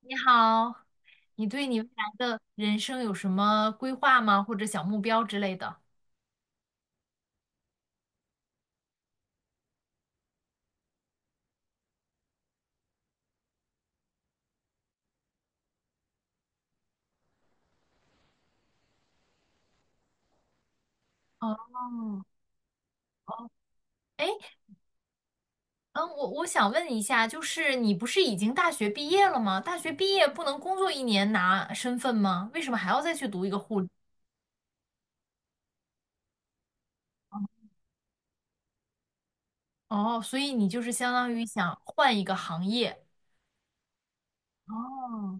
你好，你对你未来的人生有什么规划吗？或者小目标之类的？哦哦，哎，我想问一下，就是你不是已经大学毕业了吗？大学毕业不能工作一年拿身份吗？为什么还要再去读一个护理？哦，所以你就是相当于想换一个行业。哦，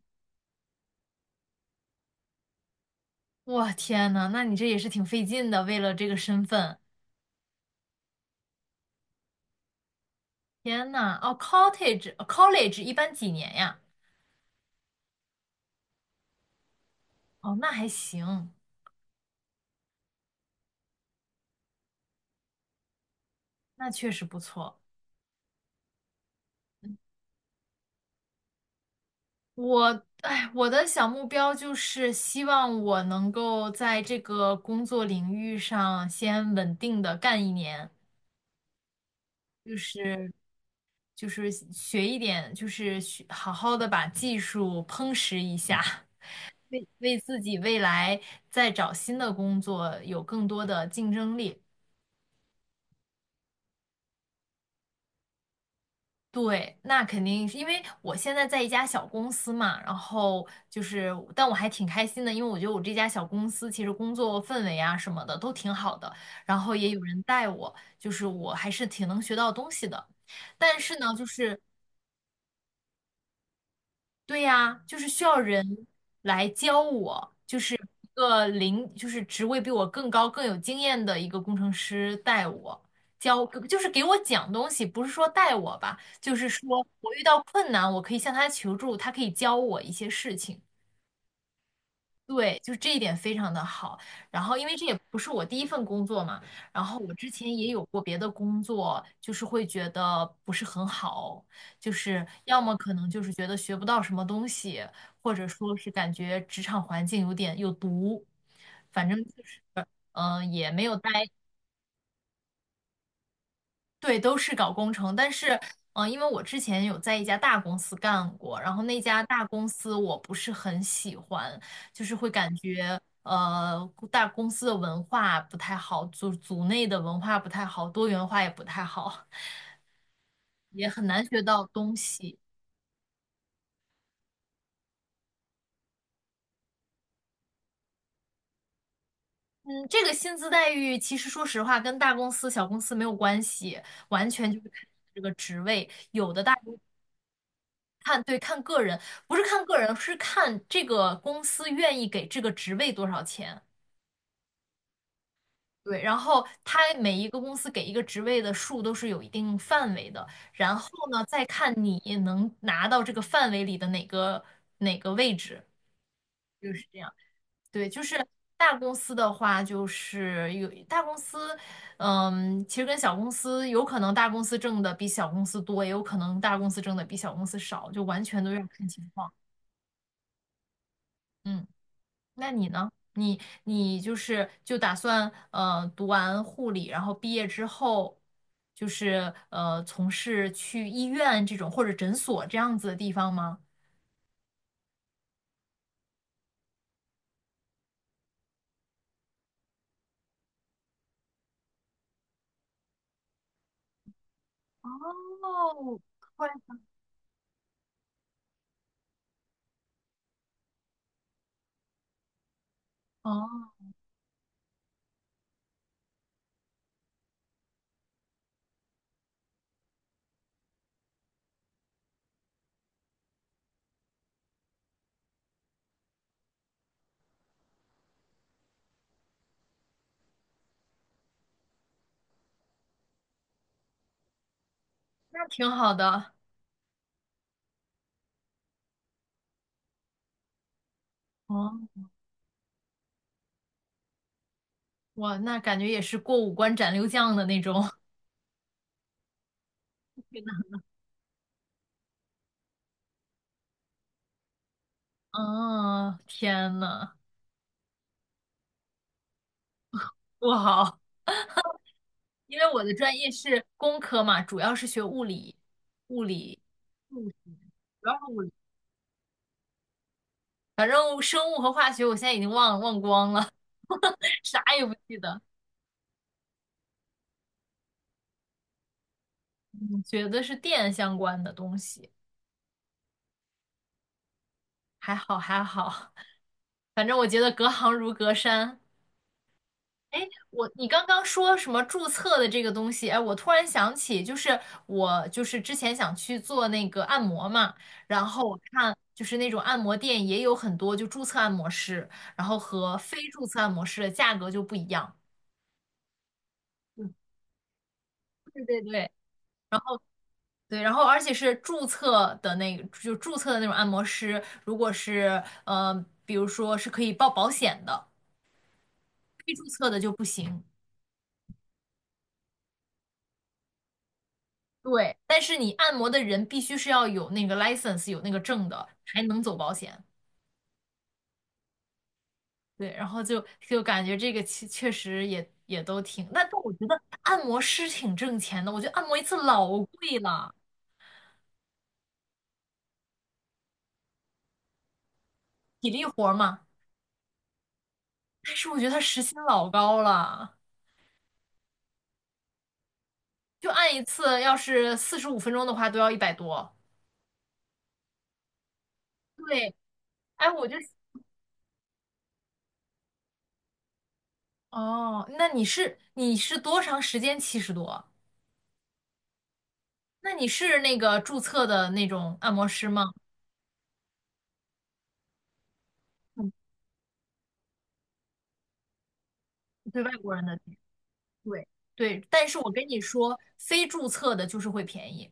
我天呐，那你这也是挺费劲的，为了这个身份。天呐，哦，cottage college 一般几年呀？哦，那还行。那确实不错。我的小目标就是希望我能够在这个工作领域上先稳定的干一年，就是就是学一点，就是学好好的把技术夯实一下，为自己未来再找新的工作有更多的竞争力。对，那肯定是因为我现在在一家小公司嘛，然后就是，但我还挺开心的，因为我觉得我这家小公司其实工作氛围啊什么的都挺好的，然后也有人带我，就是我还是挺能学到东西的。但是呢，就是对呀，就是需要人来教我，就是一个零，就是职位比我更高、更有经验的一个工程师带我教，就是给我讲东西，不是说带我吧，就是说我遇到困难，我可以向他求助，他可以教我一些事情。对，就是这一点非常的好。然后，因为这也不是我第一份工作嘛，然后我之前也有过别的工作，就是会觉得不是很好，就是要么可能就是觉得学不到什么东西，或者说是感觉职场环境有点有毒，反正就是嗯、呃也没有待对，都是搞工程，但是，因为我之前有在一家大公司干过，然后那家大公司我不是很喜欢，就是会感觉，大公司的文化不太好，组内的文化不太好，多元化也不太好，也很难学到东西。嗯，这个薪资待遇其实说实话跟大公司、小公司没有关系，完全就是看这个职位，有的大。看，对，看个人，不是看个人，是看这个公司愿意给这个职位多少钱。对，然后它每一个公司给一个职位的数都是有一定范围的，然后呢，再看你能拿到这个范围里的哪个位置。对，就是大公司的话，就是有大公司，嗯，其实跟小公司有可能大公司挣的比小公司多，也有可能大公司挣的比小公司少，就完全都要看情况。嗯。那你呢？你就是就打算读完护理，然后毕业之后，就是从事去医院这种或者诊所这样子的地方吗？哦，会，哦，那挺好的。哦，哇，那感觉也是过五关斩六将的那种。嗯，天呐，不好，因为我的专业是工科嘛，主要是学物理，物理。物理。主要是物理。反正生物和化学我现在已经忘光了，啥也不记得。嗯，觉得是电相关的东西，还好还好。反正我觉得隔行如隔山。我你刚刚说什么注册的这个东西？哎，我突然想起，就是之前想去做那个按摩嘛，然后我看就是那种按摩店也有很多就注册按摩师，然后和非注册按摩师的价格就不一样。嗯对对对，对，然后而且是注册的那个，就注册的那种按摩师，如果是比如说是可以报保险的，非注册的就不行。对，但是你按摩的人必须是要有那个 license，有那个证的，才能走保险。然后感觉这个确实也都挺，那但我觉得按摩师挺挣钱的，我觉得按摩一次老贵了，体力活儿嘛，但是我觉得他时薪老高了，就按一次要是45分钟的话都要100多。对，哎，我就哦，那你是多长时间70多？那你是那个注册的那种按摩师吗？嗯，对外国人的，对对，但是我跟你说，非注册的就是会便宜，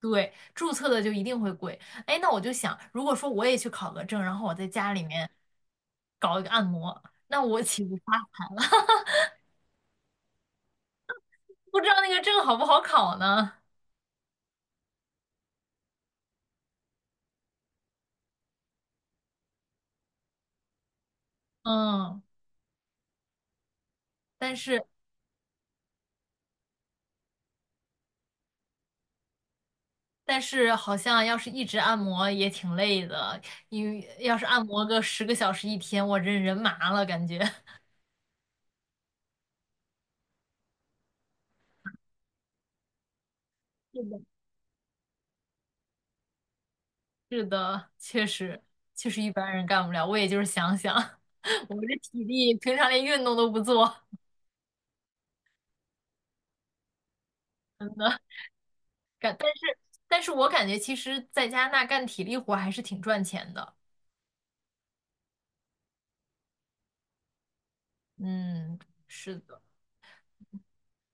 对，注册的就一定会贵。哎，那我就想，如果说我也去考个证，然后我在家里面搞一个按摩，那我岂不发？不知道那个证好不好考呢？嗯，但是。但是好像要是一直按摩也挺累的，因为要是按摩个10个小时一天，我这人麻了感觉。是的。是的，确实，确实一般人干不了。我也就是想想，我这体力平常连运动都不做，感但但是我感觉其实在加拿大干体力活还是挺赚钱的。嗯，是的。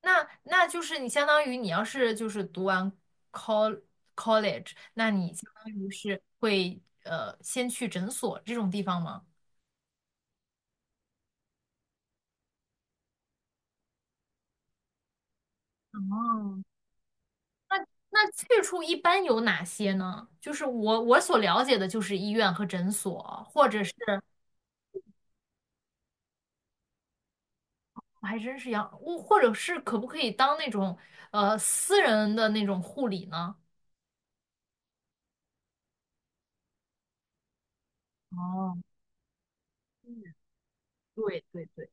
那那就是你相当于你要是就是读完 col college，那你相当于是会先去诊所这种地方吗？哦，那去处一般有哪些呢？就是我所了解的就是医院和诊所，或者是我还真是要，我或者是可不可以当那种私人的那种护理呢？哦，嗯，对对对，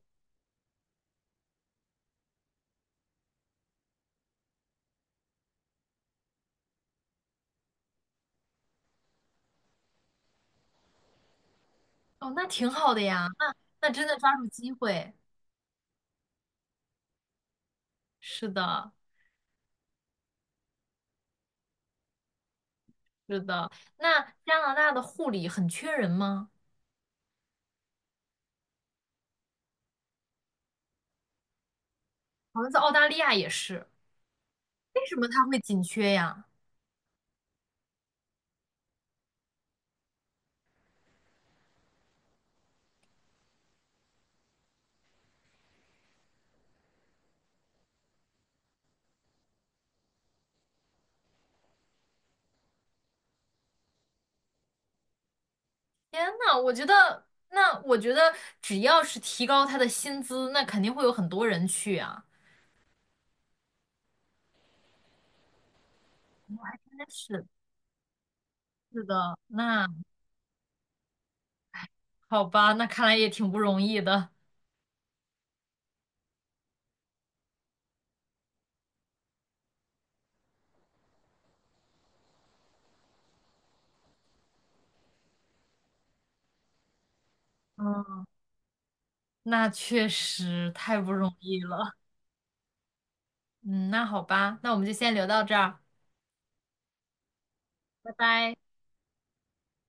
哦，那挺好的呀，那那真的抓住机会，是的。是的，那加拿大的护理很缺人吗？好像在澳大利亚也是，为什么它会紧缺呀？天呐，我觉得，那我觉得只要是提高他的薪资，那肯定会有很多人去啊。真是，是的，那好吧，那看来也挺不容易的。嗯，那确实太不容易了。嗯，那好吧，那我们就先聊到这儿，拜拜。